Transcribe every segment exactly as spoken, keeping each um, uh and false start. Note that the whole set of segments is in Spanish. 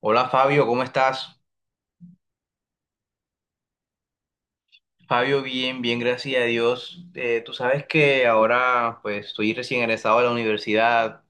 Hola Fabio, ¿cómo estás? Fabio, bien, bien, gracias a Dios. Eh, tú sabes que ahora pues estoy recién egresado de la universidad.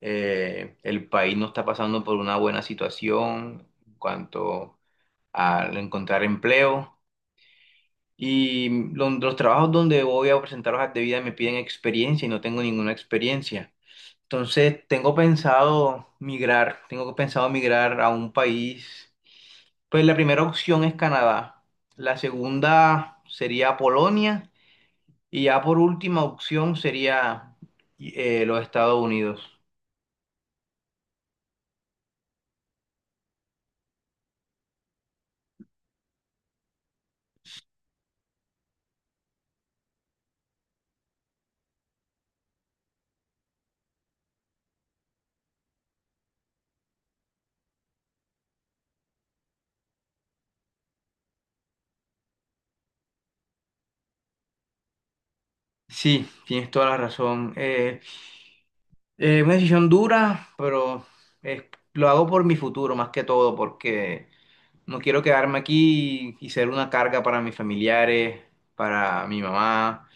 Eh, el país no está pasando por una buena situación en cuanto a encontrar empleo, y lo- los, trabajos donde voy a presentar hojas de vida me piden experiencia y no tengo ninguna experiencia. Entonces tengo pensado migrar, tengo pensado migrar a un país. Pues la primera opción es Canadá, la segunda sería Polonia, y ya por última opción sería eh, los Estados Unidos. Sí, tienes toda la razón. Eh, eh, una decisión dura, pero eh, lo hago por mi futuro más que todo, porque no quiero quedarme aquí y, y ser una carga para mis familiares, para mi mamá.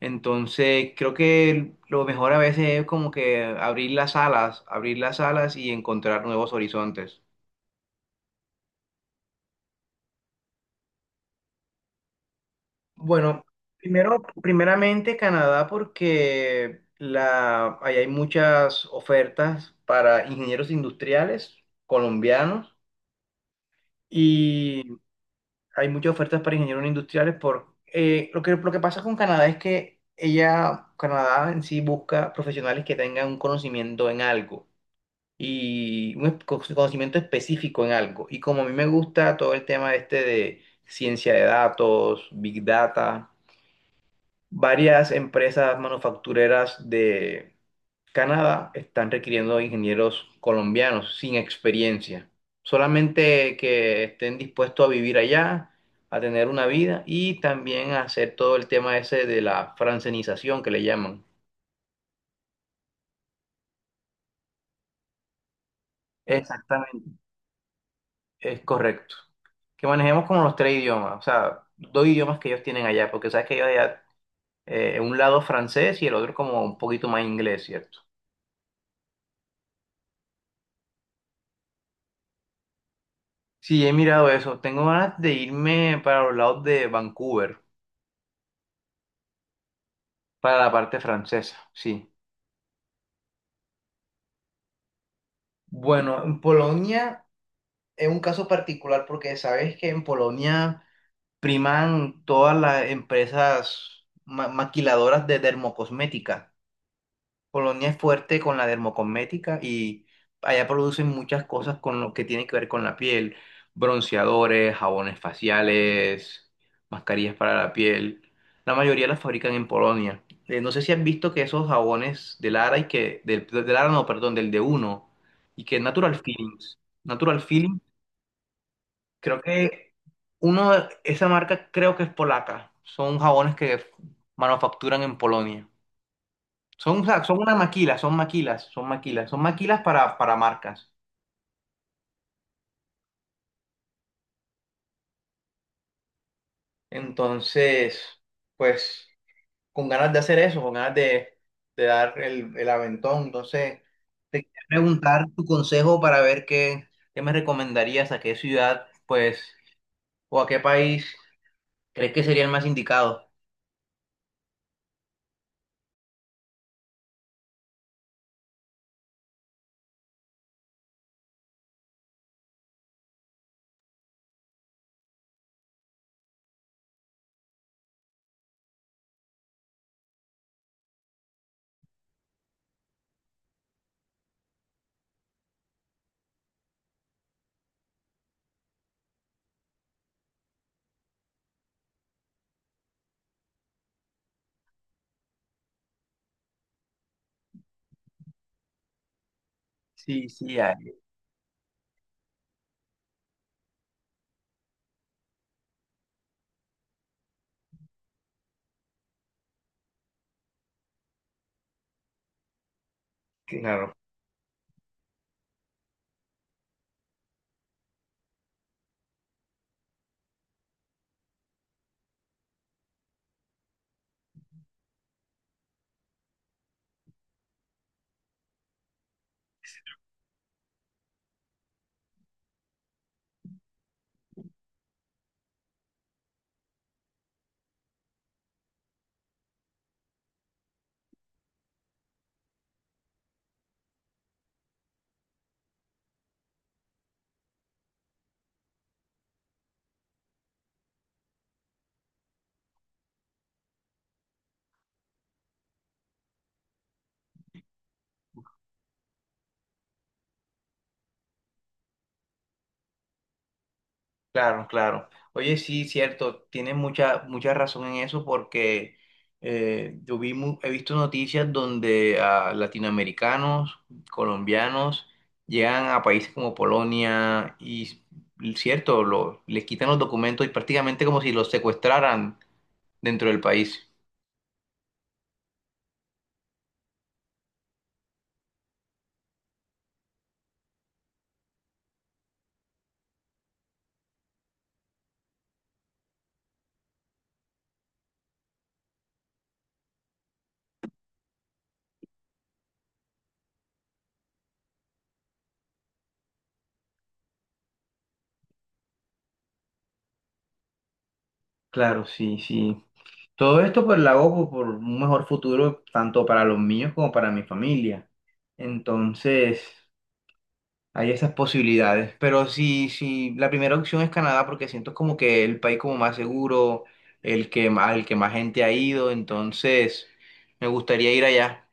Entonces, creo que lo mejor a veces es como que abrir las alas, abrir las alas y encontrar nuevos horizontes. Bueno, primero, primeramente Canadá porque la, ahí hay muchas ofertas para ingenieros industriales colombianos, y hay muchas ofertas para ingenieros industriales por eh, lo que, lo que pasa con Canadá es que ella, Canadá en sí busca profesionales que tengan un conocimiento en algo, y un es- conocimiento específico en algo. Y como a mí me gusta todo el tema este de ciencia de datos, big data. Varias empresas manufactureras de Canadá están requiriendo ingenieros colombianos sin experiencia, solamente que estén dispuestos a vivir allá, a tener una vida y también a hacer todo el tema ese de la francenización que le llaman. Exactamente, es correcto. Que manejemos como los tres idiomas, o sea, dos idiomas que ellos tienen allá, porque sabes que ellos allá, eh, un lado francés y el otro como un poquito más inglés, ¿cierto? Sí, he mirado eso. Tengo ganas de irme para los lados de Vancouver, para la parte francesa, sí. Bueno, en Polonia es un caso particular porque sabes que en Polonia priman todas las empresas ma- maquiladoras de dermocosmética. Polonia es fuerte con la dermocosmética, y allá producen muchas cosas con lo que tiene que ver con la piel: bronceadores, jabones faciales, mascarillas para la piel. La mayoría las fabrican en Polonia. Eh, no sé si han visto que esos jabones de Lara y que del, de Lara no, perdón, del de Uno y que Natural Feelings, Natural Feelings, creo que uno, esa marca creo que es polaca. Son jabones que manufacturan en Polonia. Son, o sea, son una maquila, son maquilas, son maquilas, son maquilas para, para marcas. Entonces, pues, con ganas de hacer eso, con ganas de, de dar el, el aventón. Entonces, te quería preguntar tu consejo para ver qué, qué me recomendarías, a qué ciudad, pues, o a qué país crees que sería el más indicado. Sí, sí, a- claro. Claro, claro. Oye, sí, cierto, tienes mucha, mucha razón en eso porque eh, yo vi mu- he visto noticias donde ah, latinoamericanos, colombianos, llegan a países como Polonia y, y cierto, lo- les quitan los documentos y prácticamente como si los secuestraran dentro del país. Claro, sí, sí. Todo esto pues lo hago por por un mejor futuro tanto para los míos como para mi familia. Entonces... Hay esas posibilidades, pero si, si la primera opción es Canadá, porque siento como que el país como más seguro, el que más, el que más gente ha ido, entonces me gustaría ir allá.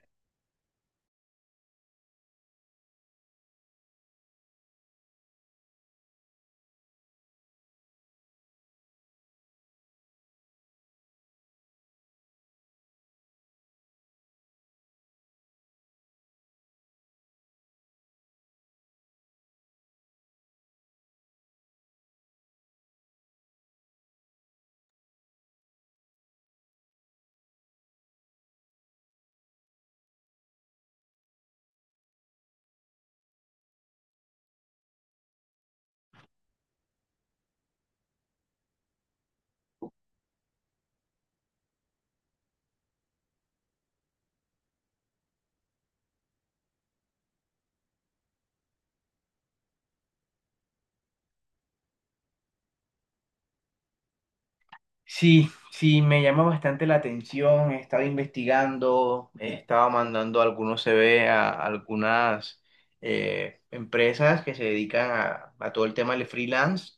Sí, sí, me llama bastante la atención, he estado investigando, he estado mandando algunos C V a algunas eh, empresas que se dedican a, a todo el tema del freelance,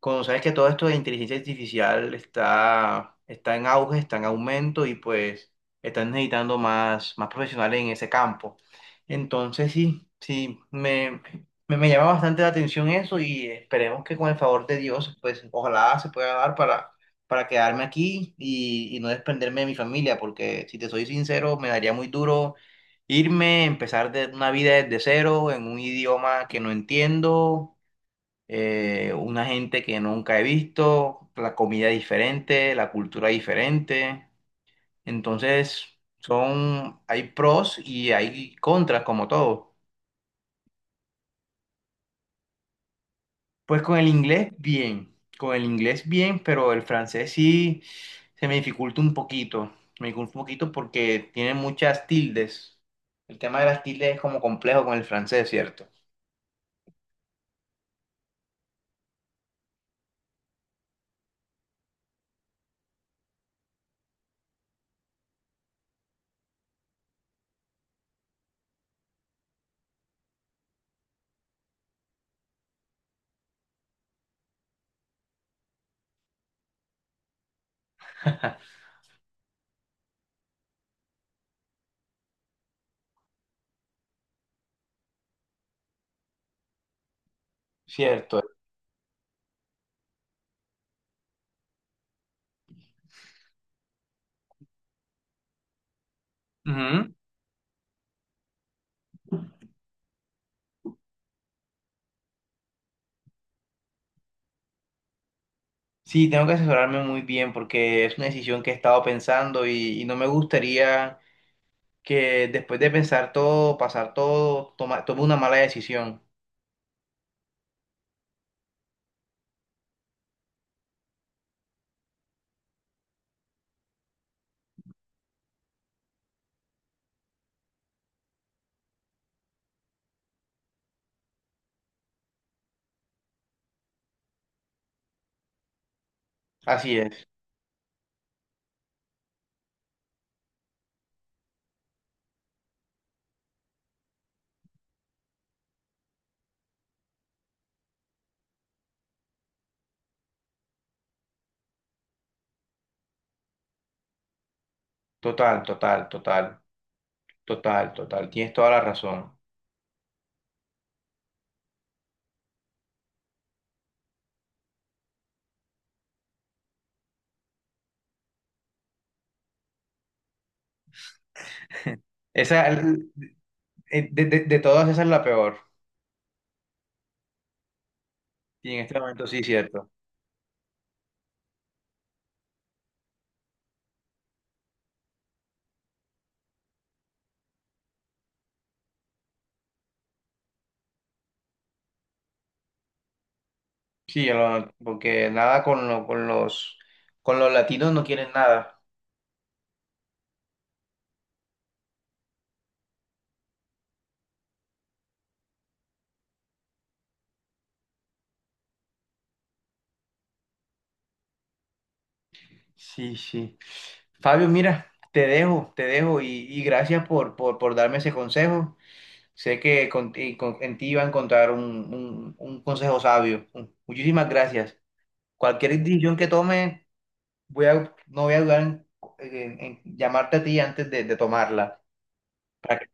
cuando sabes que todo esto de inteligencia artificial está, está en auge, está en aumento, y pues están necesitando más, más profesionales en ese campo. Entonces sí, sí, me, me, me llama bastante la atención eso, y esperemos que con el favor de Dios, pues ojalá se pueda dar para, para quedarme aquí y, y no desprenderme de mi familia, porque si te soy sincero, me daría muy duro irme, empezar de, una vida desde cero en un idioma que no entiendo, eh, una gente que nunca he visto, la comida diferente, la cultura diferente. Entonces, son, hay pros y hay contras, como todo. Pues con el inglés, bien, con el inglés, bien, pero el francés sí se me dificulta un poquito. Me dificulta un poquito porque tiene muchas tildes. El tema de las tildes es como complejo con el francés, ¿cierto? Cierto. Ujú. Sí, tengo que asesorarme muy bien porque es una decisión que he estado pensando, y, y no me gustaría que después de pensar todo, pasar todo, toma- tome una mala decisión. Así es. Total, total, total, total, total. Tienes toda la razón. Esa, el- eh, de, de- De todas, esa es la peor. Y en este momento sí, cierto. Sí, yo lo- porque nada con, lo- con los, con los latinos no quieren nada. Sí, sí. Fabio, mira, te dejo, te dejo y, y gracias por, por, por darme ese consejo. Sé que con- y con- en ti iba a encontrar un, un- un consejo sabio. Muchísimas gracias. Cualquier decisión que tome, voy a, no voy a dudar en, en- en llamarte a ti antes de, de tomarla, para que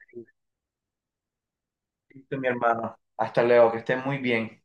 estés listo, mi hermano. Hasta luego, que estés muy bien.